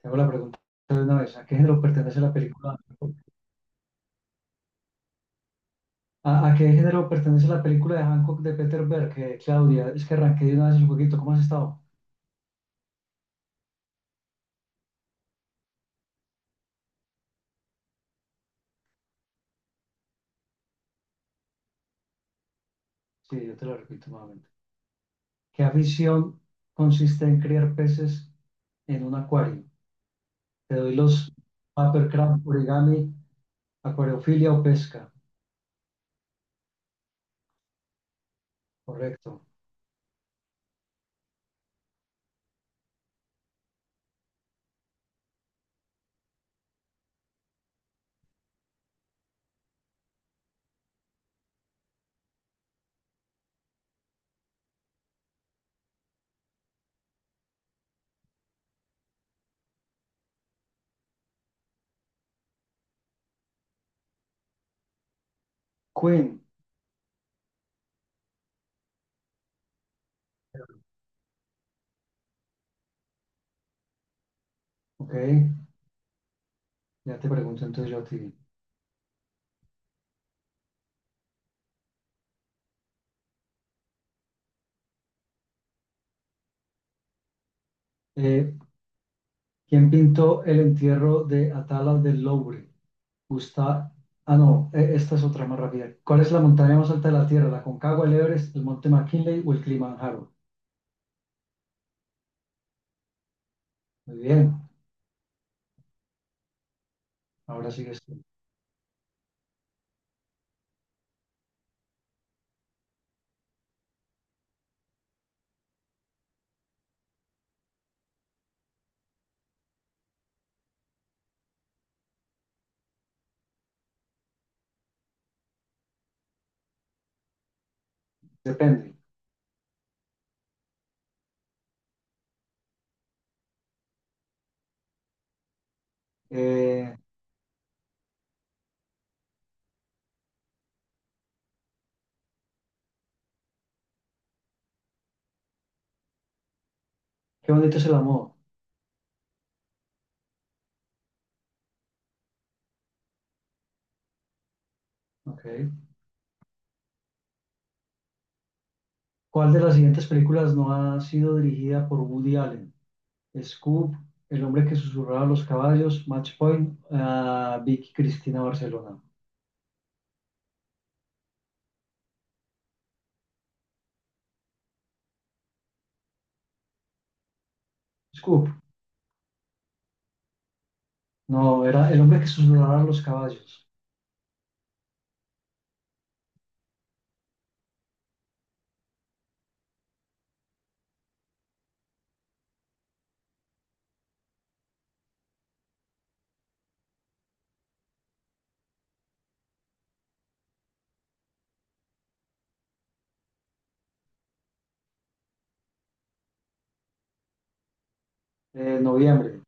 Te hago la pregunta de una vez. ¿A qué género pertenece la película? ¿A qué género pertenece la película de Hancock de Peter Berg? Claudia, es que arranqué de una vez el jueguito. ¿Cómo has estado? Sí, yo te lo repito nuevamente. ¿Qué afición consiste en criar peces en un acuario? Te doy los papercraft, origami, acuariofilia o pesca. Correcto. Queen. Ok, ya te pregunto entonces yo a ti. Eh, ¿Quién pintó el entierro de Atala del Louvre? Gusta. Ah, no, esta es otra más rápida. ¿Cuál es la montaña más alta de la Tierra? ¿La Concagua, el Everest, el Monte McKinley o el Kilimanjaro? Muy bien, ahora sigues tú. Depende. Eh, qué bonito es el amor. Ok. ¿Cuál de las siguientes películas no ha sido dirigida por Woody Allen? Scoop, El hombre que susurraba a los caballos, Match Point, Vicky Cristina Barcelona. Scoop, no, era El hombre que susurraba a los caballos. Noviembre.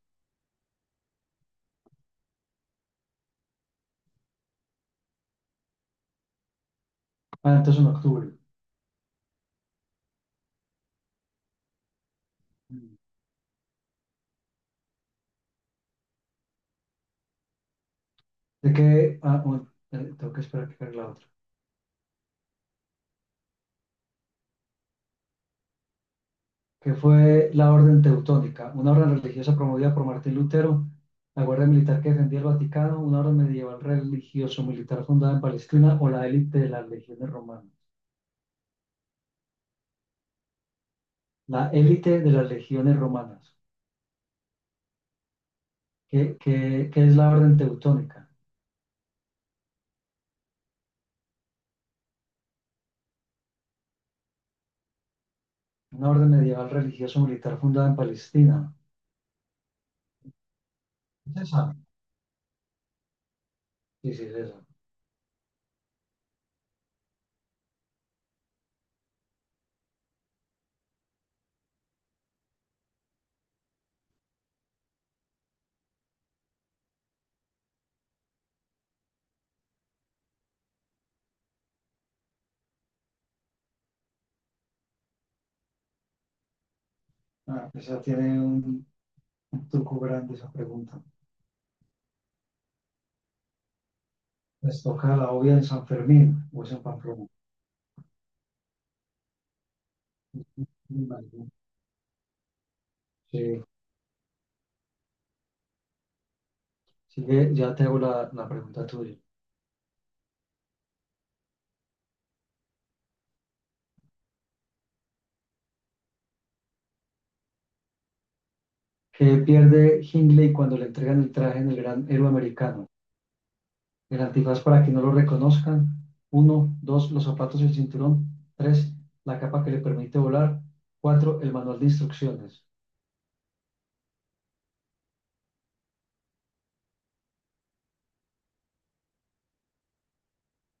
Ah, entonces en octubre. Mm. de que, ah, un- tengo que esperar que cargue la otra, que fue la Orden Teutónica, una orden religiosa promovida por Martín Lutero, la Guardia Militar que defendía el Vaticano, una orden medieval religioso-militar fundada en Palestina o la élite de las legiones romanas. La élite de las legiones romanas, que es la Orden Teutónica, una orden medieval religioso-militar fundada en Palestina. ¿Es esa? Sí, sí, es esa. Ah, esa tiene un truco grande esa pregunta. Les toca la obvia en San Fermín o es en Pamplona. Vale, sí. Sigue, ya te hago la pregunta tuya. ¿Qué pierde Hindley cuando le entregan el traje del gran héroe americano? El antifaz para que no lo reconozcan. Uno, dos, los zapatos y el cinturón. Tres, la capa que le permite volar. Cuatro, el manual de instrucciones.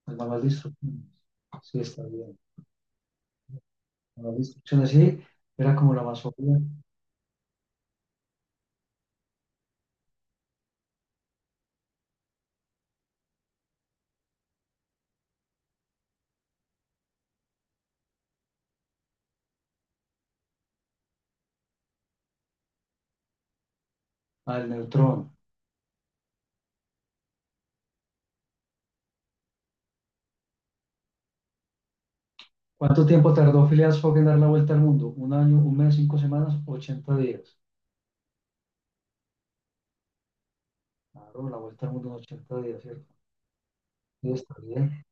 El manual de instrucciones. Sí, está bien. El manual de instrucciones, sí. Era como la más obvia. Al neutrón. ¿Cuánto tiempo tardó Phileas Fogg en dar la vuelta al mundo? ¿Un año, un mes, 5 semanas, 80 días? Claro, la vuelta al mundo en 80 días, ¿cierto? Sí, está bien.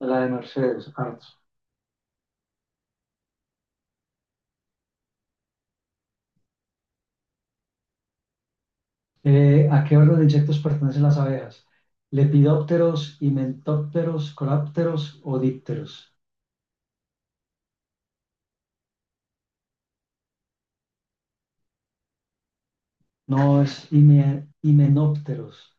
La de Mercedes, harto. ¿A qué orden de insectos pertenecen las abejas? ¿Lepidópteros, himenópteros, colápteros o dípteros? No, es himenópteros.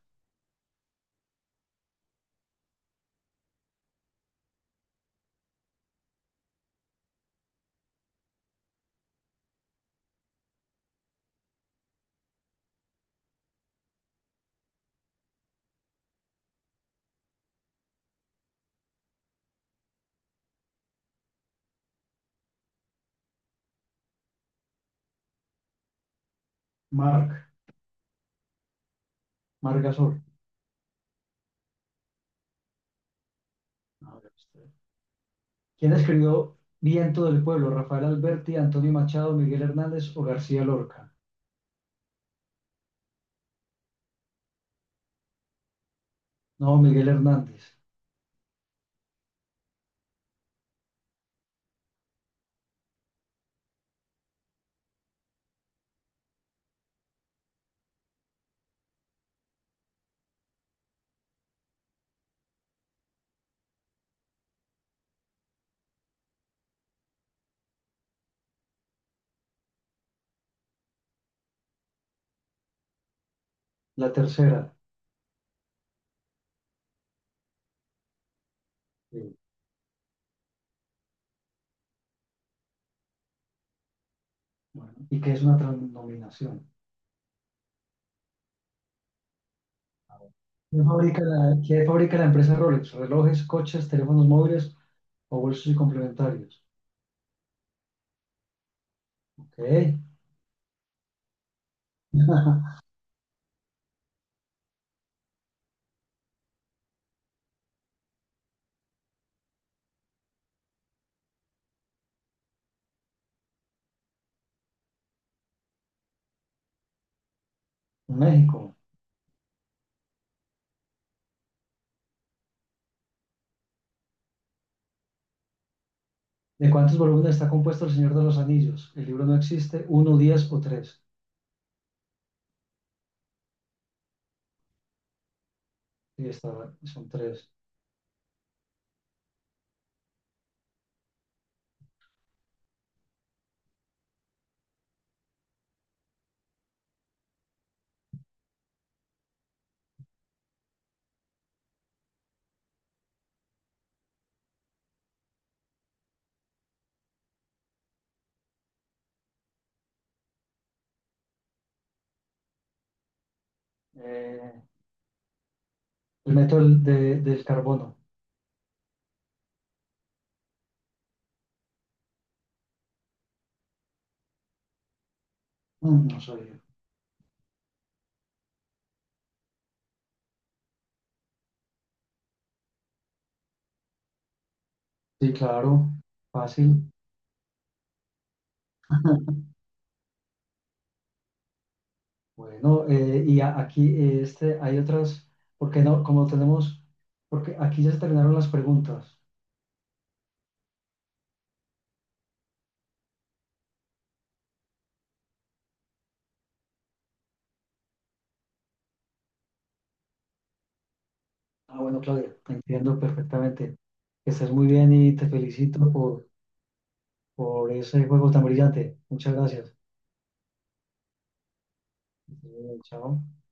Marc, Margasol. A ver usted. ¿Quién escribió Viento del Pueblo? ¿Rafael Alberti, Antonio Machado, Miguel Hernández o García Lorca? No, Miguel Hernández. La tercera. Sí. Bueno, ¿y qué es una transnominación? ¿Quién fabrica qué fabrica la empresa Rolex? Relojes, coches, teléfonos móviles, o bolsos y complementarios. Ok. México. ¿De cuántos volúmenes está compuesto El Señor de los Anillos? El libro no existe. ¿Uno, 10 o tres? Sí, son tres. Eh, el método del carbono. Mm, no sabía. Sí, claro. Fácil. Bueno, y aquí hay otras, porque no, como tenemos, porque aquí ya se terminaron las preguntas. Ah, bueno, Claudia, te entiendo perfectamente. Que estés muy bien y te felicito por ese juego tan brillante. Muchas gracias. Chao.